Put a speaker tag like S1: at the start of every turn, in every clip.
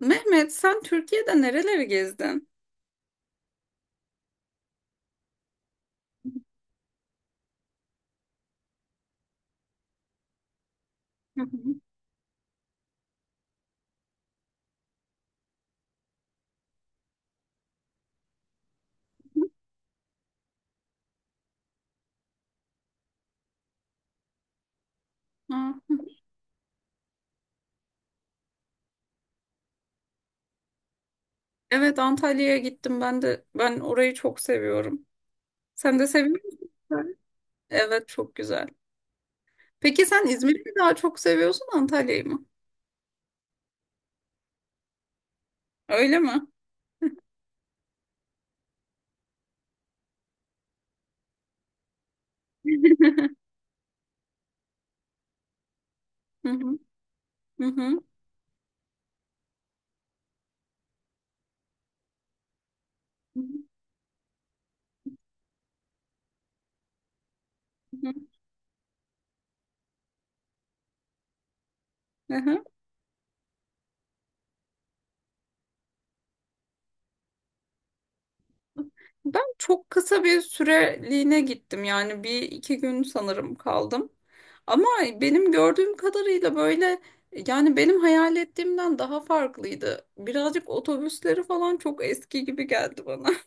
S1: Mehmet, sen Türkiye'de nereleri gezdin? Hı hı. Aa, hı. Evet, Antalya'ya gittim ben de. Ben orayı çok seviyorum. Sen de seviyor musun? Evet, çok güzel. Peki sen İzmir'i mi daha çok seviyorsun, Antalya'yı mı? Öyle mi? Hı hı, hı hı, hı hı, hı hı. Ben çok kısa bir süreliğine gittim yani bir iki gün sanırım kaldım. Ama benim gördüğüm kadarıyla böyle yani benim hayal ettiğimden daha farklıydı. Birazcık otobüsleri falan çok eski gibi geldi bana.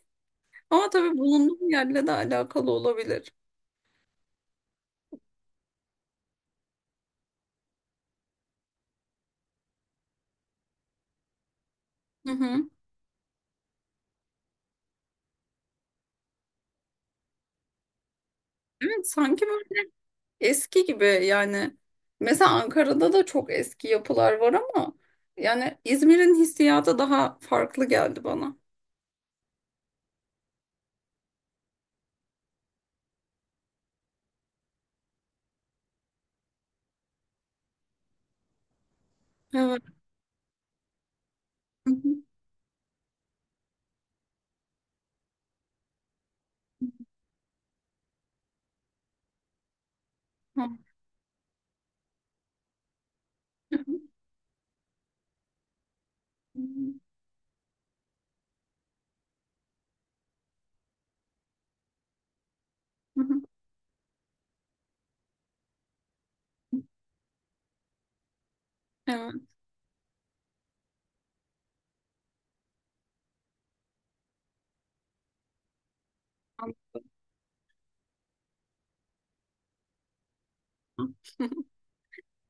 S1: Ama tabii bulunduğum yerle de alakalı olabilir. Hı hı. Evet sanki böyle eski gibi yani. Mesela Ankara'da da çok eski yapılar var ama yani İzmir'in hissiyatı daha farklı geldi bana. Evet. Hı hı. Hı. Hı hı. Evet, anladım.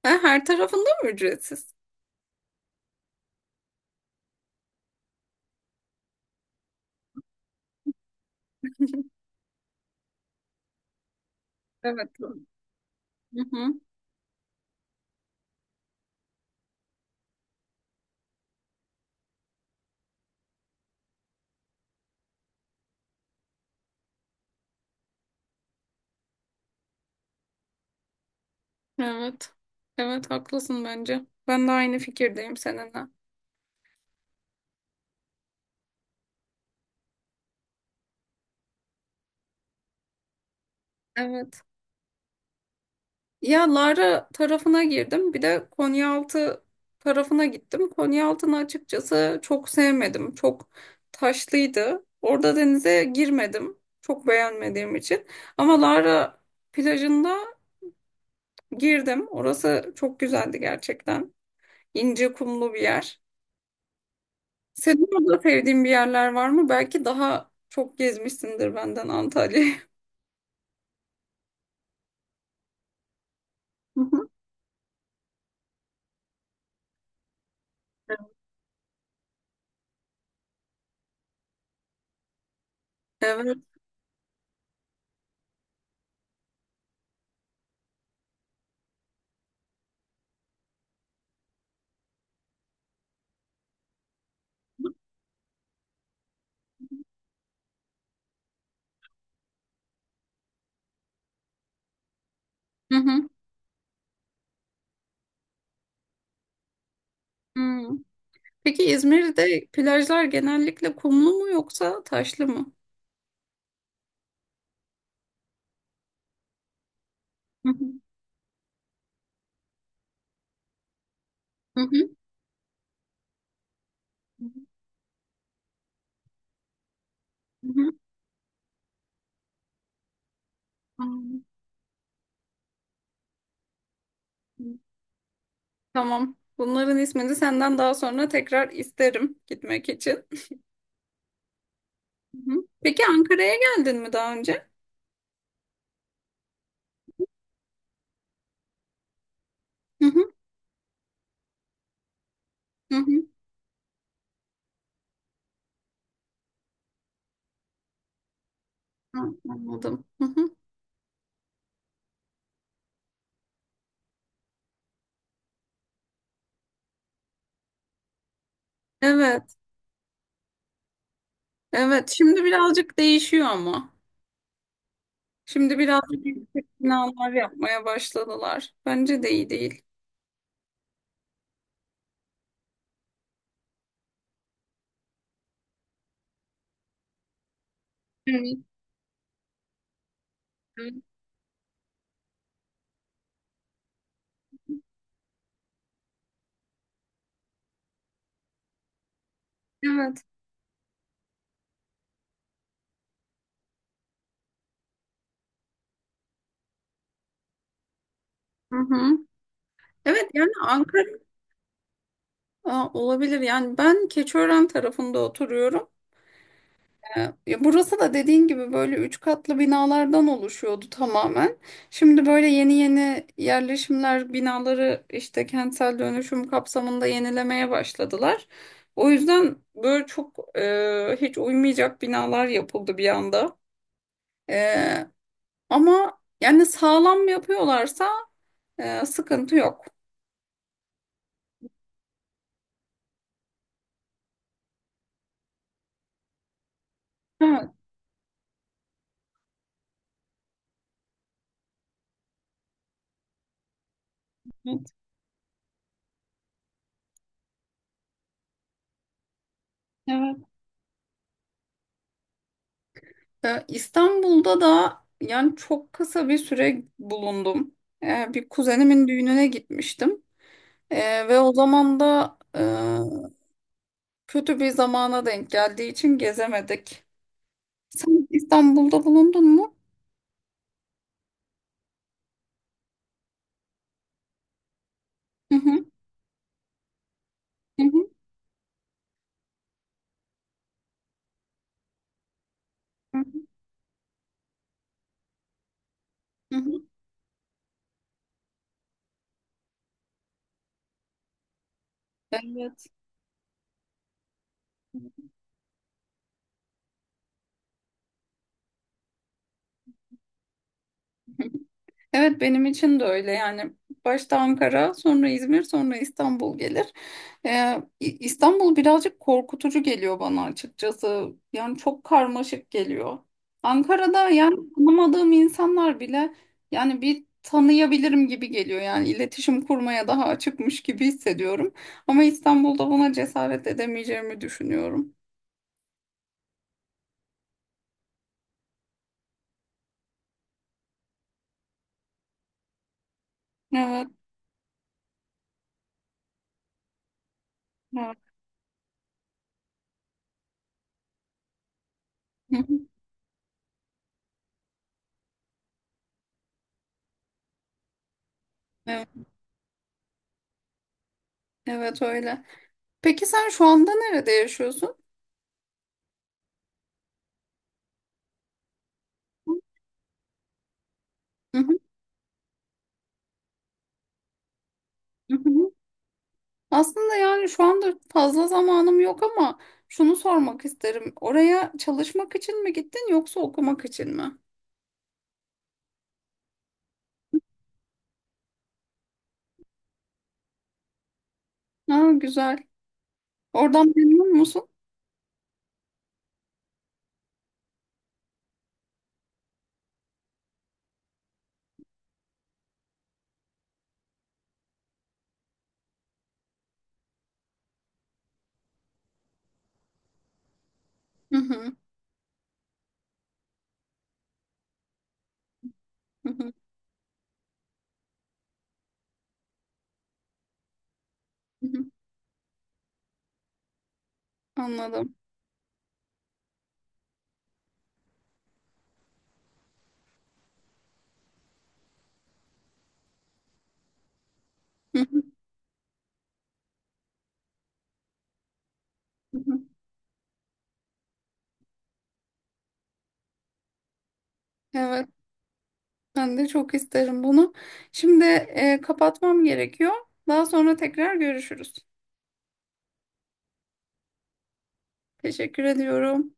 S1: Ha, her tarafında mı ücretsiz? Evet. Hı hı. Evet. Evet haklısın bence. Ben de aynı fikirdeyim seninle. Evet. Ya Lara tarafına girdim. Bir de Konyaaltı tarafına gittim. Konyaaltı'nı açıkçası çok sevmedim. Çok taşlıydı. Orada denize girmedim. Çok beğenmediğim için. Ama Lara plajında girdim. Orası çok güzeldi gerçekten. İnce kumlu bir yer. Senin orada sevdiğin bir yerler var mı? Belki daha çok gezmişsindir benden Antalya'yı. Hı hı. Evet. Hı hı. Hı. Peki İzmir'de plajlar genellikle kumlu mu yoksa taşlı mı? Hı hı. Hı hı. Hı hı. Hı. Tamam. Bunların ismini senden daha sonra tekrar isterim gitmek için. Hı hı. Peki Ankara'ya geldin mi daha önce? Hı hı. Hı hı. Hı, anladım. Hı hı. Evet. Evet. Şimdi birazcık değişiyor ama. Şimdi biraz yüksek binalar yapmaya başladılar. Bence de iyi değil. Evet. Evet. Evet. Hı hı. Evet yani Ankara. Aa, olabilir. Yani ben Keçiören tarafında oturuyorum. Ee, Ya burası da dediğin gibi böyle üç katlı binalardan oluşuyordu tamamen. Şimdi böyle yeni yeni yerleşimler binaları işte kentsel dönüşüm kapsamında yenilemeye başladılar. O yüzden böyle çok hiç uymayacak binalar yapıldı bir anda. E, Ama yani sağlam yapıyorlarsa sıkıntı yok. Evet, evet, evet. İstanbul'da da yani çok kısa bir süre bulundum. Bir kuzenimin düğününe gitmiştim. Ve o zaman da kötü bir zamana denk geldiği için gezemedik. Sen İstanbul'da bulundun mu? Hı hı, hı hı, hı hı. Hı hı. Evet. Evet benim için de öyle yani başta Ankara sonra İzmir sonra İstanbul gelir. İstanbul birazcık korkutucu geliyor bana açıkçası yani çok karmaşık geliyor. Ankara'da yani tanımadığım insanlar bile yani bir tanıyabilirim gibi geliyor yani iletişim kurmaya daha açıkmış gibi hissediyorum. Ama İstanbul'da buna cesaret edemeyeceğimi düşünüyorum. Evet, evet, hı hı, evet, evet öyle. Peki sen şu anda nerede yaşıyorsun? Hı hı, hı hı. Aslında yani şu anda fazla zamanım yok ama şunu sormak isterim. Oraya çalışmak için mi gittin yoksa okumak için mi? Ha, güzel. Oradan memnun musun? Hı hı, hı hı, hı hı. Anladım. Hı hı, hı hı. Evet, ben de çok isterim bunu. Şimdi kapatmam gerekiyor. Daha sonra tekrar görüşürüz. Teşekkür ediyorum.